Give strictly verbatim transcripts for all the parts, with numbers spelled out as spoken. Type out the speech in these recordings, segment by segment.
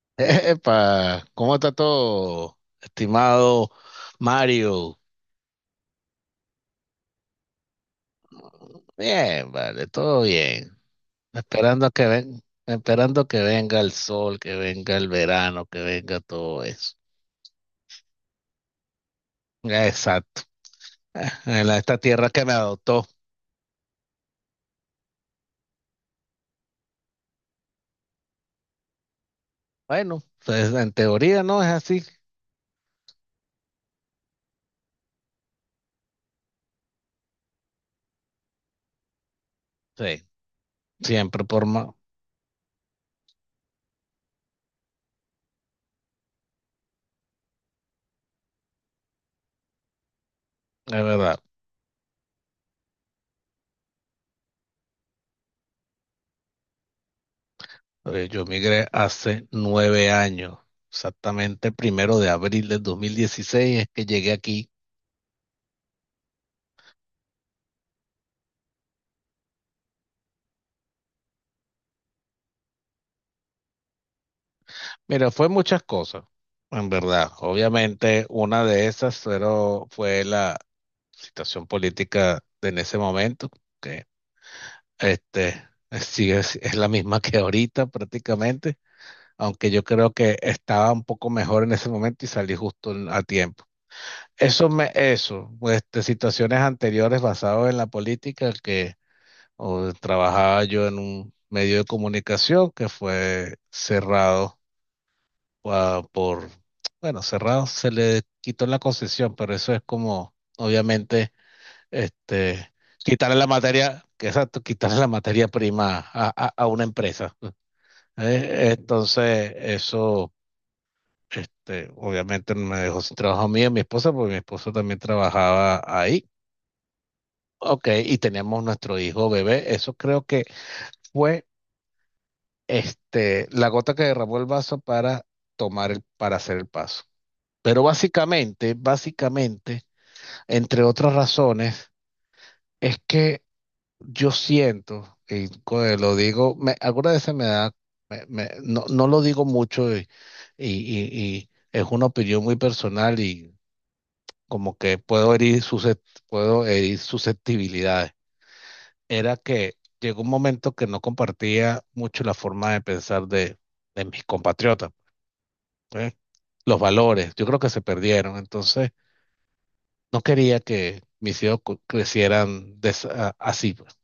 Epa, ¿cómo está todo, estimado Mario? Bien, vale, todo bien. Esperando que ven, esperando que venga el sol, que venga el verano, que venga todo eso. Exacto. En la- esta tierra que me adoptó. Bueno, pues, en teoría no es así. Sí, siempre por más. Es verdad. Eh, Yo migré hace nueve años. Exactamente el primero de abril del dos mil dieciséis es que llegué aquí. Mira, fue muchas cosas, en verdad. Obviamente, una de esas fueron- fue la situación política de en ese momento, que este, sí es, es la misma que ahorita prácticamente, aunque yo creo que estaba un poco mejor en ese momento y salí justo en- a tiempo. Eso me, eso, pues, de situaciones anteriores basadas en la política, que o, trabajaba yo en un medio de comunicación que fue cerrado ah, por, bueno, cerrado, se le quitó la concesión, pero eso es como, obviamente, este, quitarle la materia, que exacto, quitarle la materia prima a, a- a una empresa. Eh, entonces, eso, este, obviamente me dejó sin trabajo a mí y a mi esposa, porque mi esposa también trabajaba ahí. Ok, y teníamos nuestro hijo bebé. Eso creo que fue, este, la gota que derramó el vaso para tomar el, para hacer el paso. Pero básicamente, básicamente, entre otras razones, es que yo siento, y co- eh, lo digo, me, algunas veces me da, me- me- no, no lo digo mucho y, y- y- y es una opinión muy personal y como que puedo herir, suscept- puedo herir susceptibilidades. Era que llegó un momento que no compartía mucho la forma de pensar de, de mis compatriotas, ¿eh? Los valores, yo creo que se perdieron. Entonces, no quería que mis hijos cu- crecieran de esa- así, pues.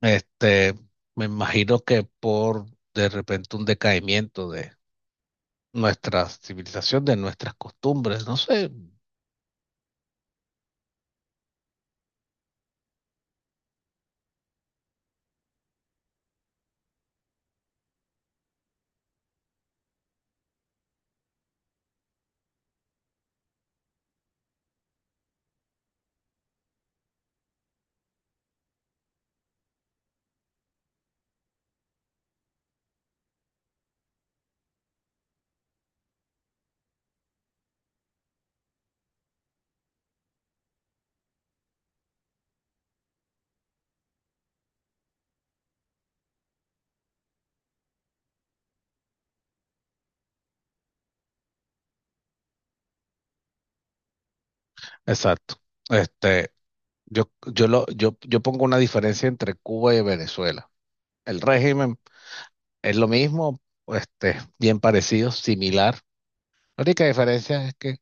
Este, me imagino que por de repente un decaimiento de nuestra civilización, de nuestras costumbres, no sé. Exacto. Este, yo, yo lo, yo, yo pongo una diferencia entre Cuba y Venezuela. El régimen es lo mismo, este, bien parecido, similar. La única diferencia es que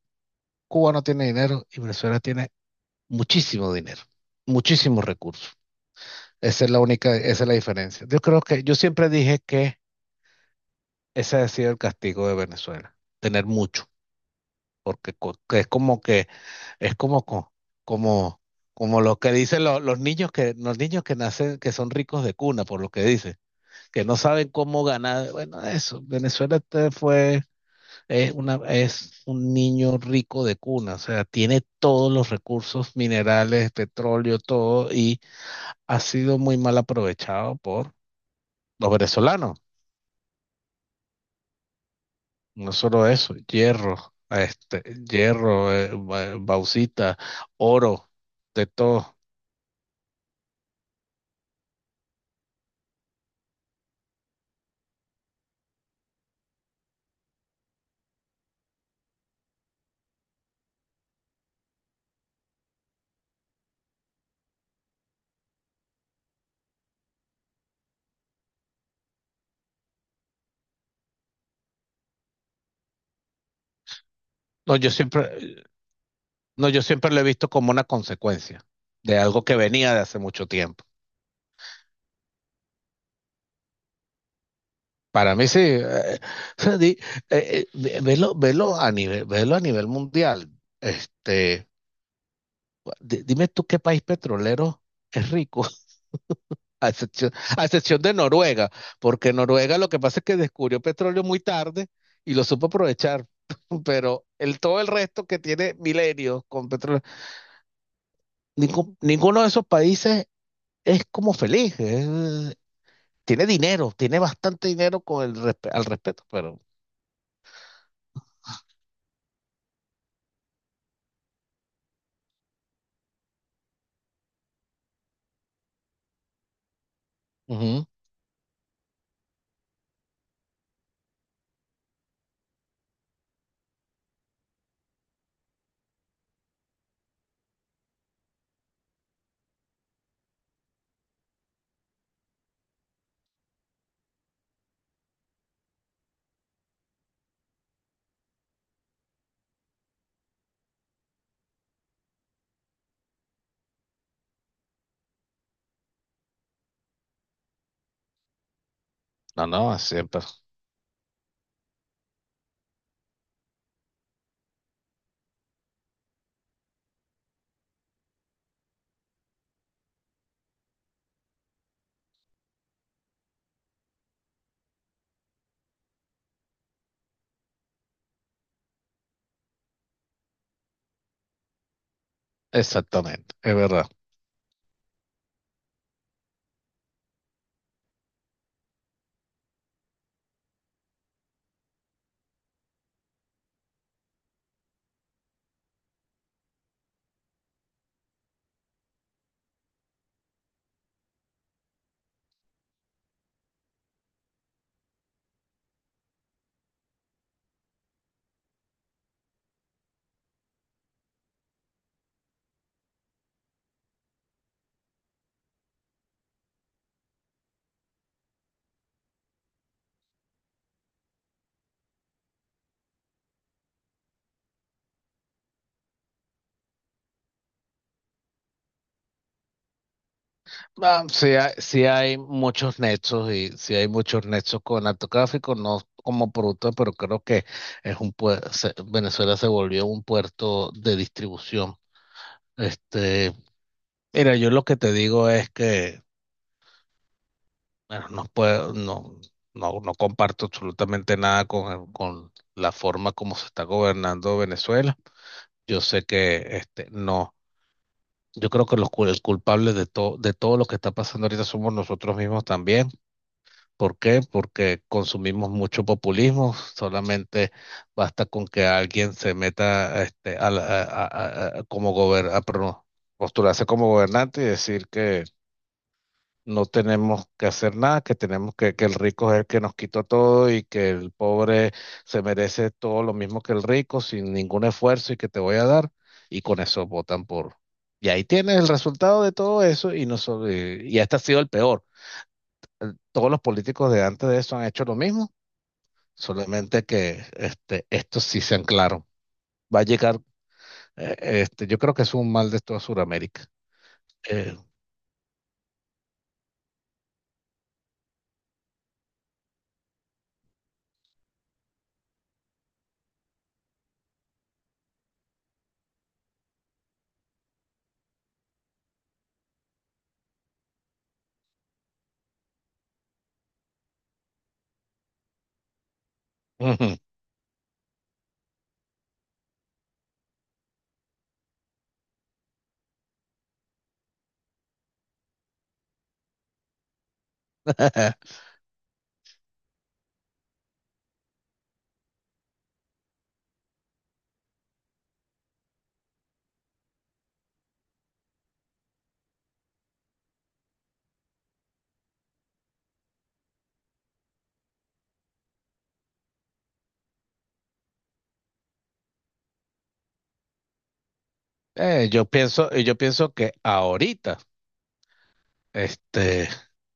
Cuba no tiene dinero y Venezuela tiene muchísimo dinero, muchísimos recursos. Esa es la única, esa es la diferencia. Yo creo que, yo siempre dije que ese ha sido el castigo de Venezuela, tener mucho, porque co- que es como que, es como, co- como, como lo que dicen lo- los niños que, los niños que nacen, que son ricos de cuna, por lo que dicen, que no saben cómo ganar. Bueno, eso, Venezuela te fue, es una, es un niño rico de cuna, o sea, tiene todos los recursos minerales, petróleo, todo, y ha sido muy mal aprovechado por los venezolanos. No solo eso, hierro, este, hierro, eh, ba- bauxita, oro, de todo. No, yo siempre, no, yo siempre lo he visto como una consecuencia de algo que venía de hace mucho tiempo. Para mí sí, eh, di- eh, eh, ve- velo, velo a nivel, velo a nivel mundial. Este, di- dime tú qué país petrolero es rico. A excepción, a excepción de Noruega, porque Noruega lo que pasa es que descubrió petróleo muy tarde y lo supo aprovechar, pero el, todo el resto que tiene milenios con petróleo, ningún- ninguno de esos países es como feliz, es- tiene dinero, tiene bastante dinero con el respe- al respeto, pero ujú, no, no, siempre, exactamente, es verdad. Ah, sí, hay, sí hay muchos nexos y sí hay muchos nexos con arte gráfico, no como producto, pero creo que es un pue- se- Venezuela se volvió un puerto de distribución. Este, mira, yo lo que te digo es que bueno, no puedo, no, no, no comparto absolutamente nada con, el- con la forma como se está gobernando Venezuela. Yo sé que este no, yo creo que los cul- el culpable de todo de todo lo que está pasando ahorita somos nosotros mismos también. ¿Por qué? Porque consumimos mucho populismo, solamente basta con que alguien se meta este, a, la- a- a- a- a- como gober- a pro- postularse como gobernante y decir que no tenemos que hacer nada, que tenemos que, que el rico es el que nos quitó todo y que el pobre se merece todo lo mismo que el rico sin ningún esfuerzo y que te voy a dar, y con eso votan por. Y ahí tienes el resultado de todo eso y, no, solo- y y este ha sido el peor el- Todos los políticos de antes de eso han hecho lo mismo. Solamente que este, estos sí sean claros. Va a llegar, eh, este, yo creo que es un mal de toda Sudamérica. Eh, Ujú. Eh, yo pienso, eh, yo pienso que ahorita, este,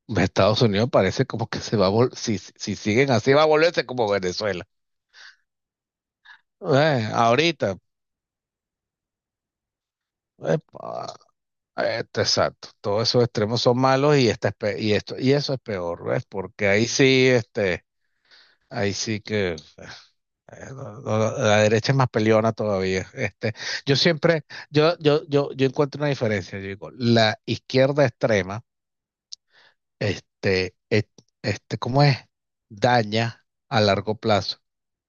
Estados Unidos parece como que se va a vol- si, si siguen así, va a volverse como Venezuela. Eh, ahorita, epa, este, exacto. Todos esos extremos son malos y, esta es pe- y esto, y eso es peor, ¿ves? Porque ahí sí, este, ahí sí que. Eh, no, no, no. La derecha es más peleona todavía. Este, yo siempre, yo, yo, yo, yo encuentro una diferencia. Yo digo, la izquierda extrema, este, et- este, ¿cómo es? Daña a largo plazo.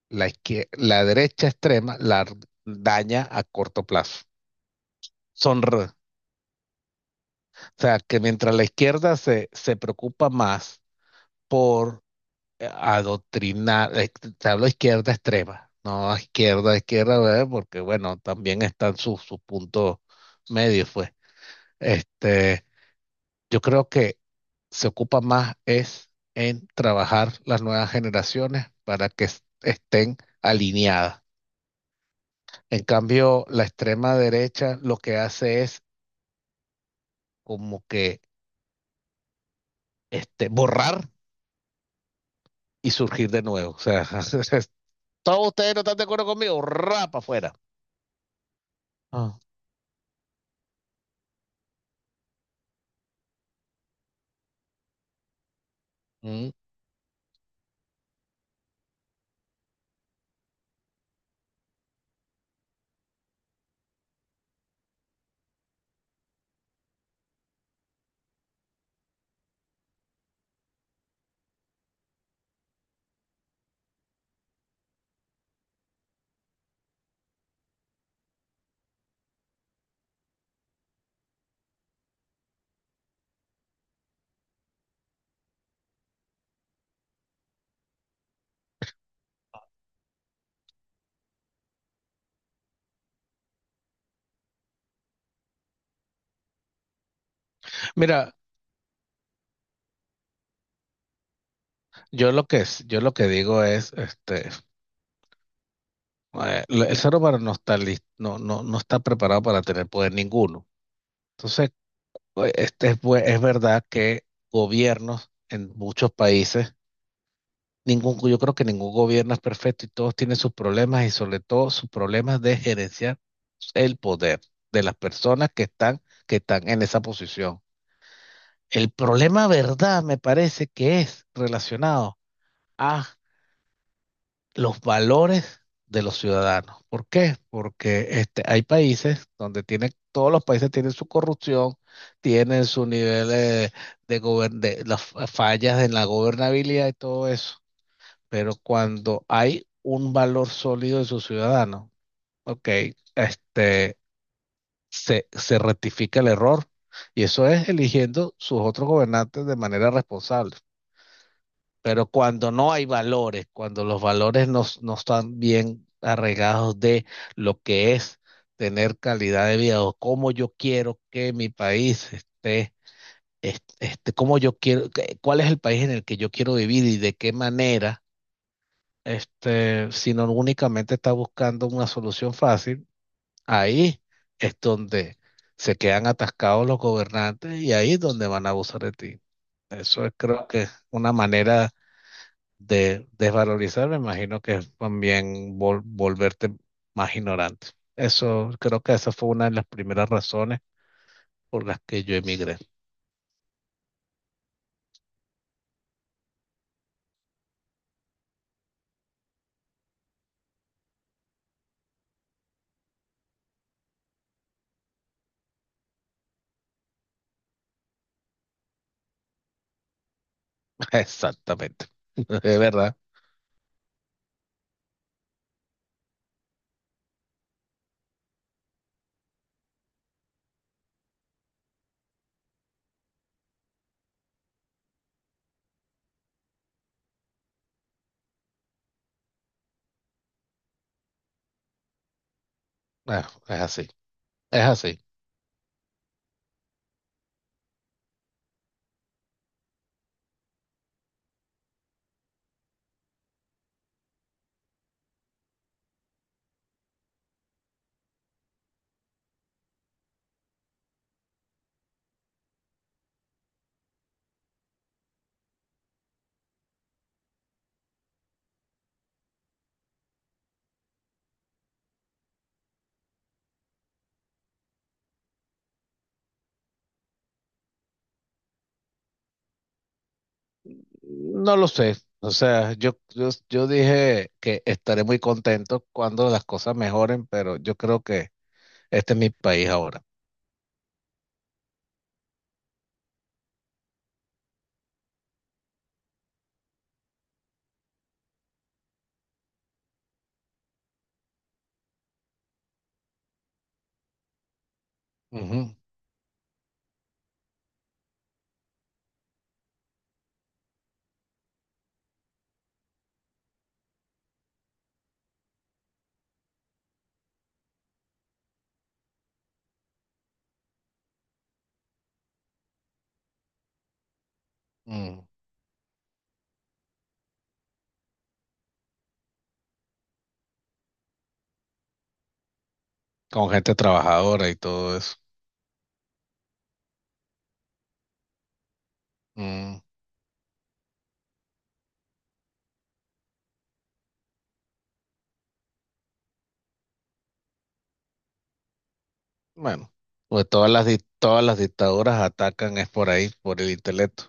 La izquier- la derecha extrema la r- daña a corto plazo. Son, re- o sea, que mientras la izquierda se, se preocupa más por eh, adoctrinar, eh, te hablo de izquierda extrema, no a izquierda, a izquierda, ¿verdad? Porque bueno, también están sus sus puntos medios, pues. Este, yo creo que se ocupa más es en trabajar las nuevas generaciones para que es- estén alineadas. En cambio, la extrema derecha lo que hace es como que este, borrar y surgir de nuevo. O sea, todos ustedes no están de acuerdo conmigo, rapa afuera. Ah. Mm. Mira, Yo lo que es- yo lo que digo es, este, eh, el ser humano no está listo, no, no, no está preparado para tener poder ninguno. Entonces, eh, este es, bue- es verdad que gobiernos en muchos países, ningún, yo creo que ningún gobierno es perfecto y todos tienen sus problemas y sobre todo sus problemas de gerenciar el poder de las personas que están, que están en esa posición. El problema, verdad, me parece que es relacionado a los valores de los ciudadanos. ¿Por qué? Porque este, hay países donde tienen, todos los países tienen su corrupción, tienen su nivel de, de gober- de las fallas en la gobernabilidad y todo eso. Pero cuando hay un valor sólido de sus ciudadanos, ok, este, se, se rectifica el error. Y eso es eligiendo sus otros gobernantes de manera responsable. Pero cuando no hay valores, cuando los valores no, no están bien arraigados de lo que es tener calidad de vida o cómo yo quiero que mi país esté, est- este, cómo yo quiero, que- cuál es el país en el que yo quiero vivir y de qué manera, este, sino únicamente está buscando una solución fácil, ahí es donde se quedan atascados los gobernantes y ahí es donde van a abusar de ti. Eso es, creo que una manera de desvalorizar, me imagino que es también vol- volverte más ignorante. Eso, creo que esa fue una de las primeras razones por las que yo emigré. Exactamente. Es verdad. Ah, es así. Es así. No lo sé. O sea, yo, yo, yo dije que estaré muy contento cuando las cosas mejoren, pero yo creo que este es mi país ahora. Ujú. Mm. Con gente trabajadora y todo eso. Mm. Bueno, pues todas las, di- todas las dictaduras atacan es por ahí, por el intelecto.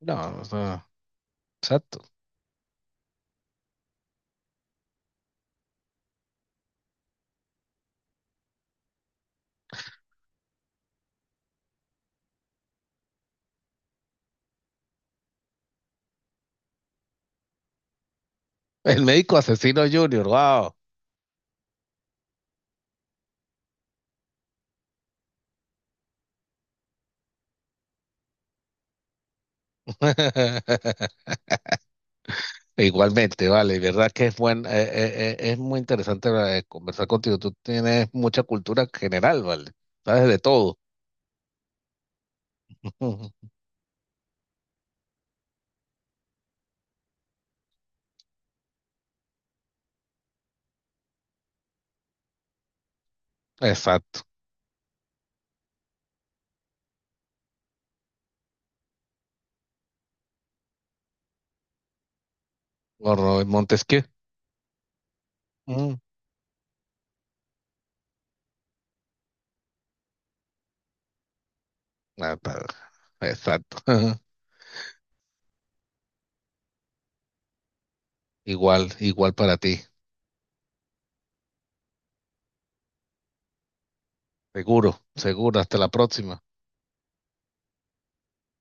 No, o sea, exacto. El médico asesino Junior, wow. Igualmente, vale, verdad que es buen, eh, eh, eh, es muy interesante eh, conversar contigo. Tú tienes mucha cultura general, vale. Sabes de todo. Exacto. O Montesquieu. Mm. Ah, está. Exacto. Igual, igual para ti. Seguro, seguro. Hasta la próxima.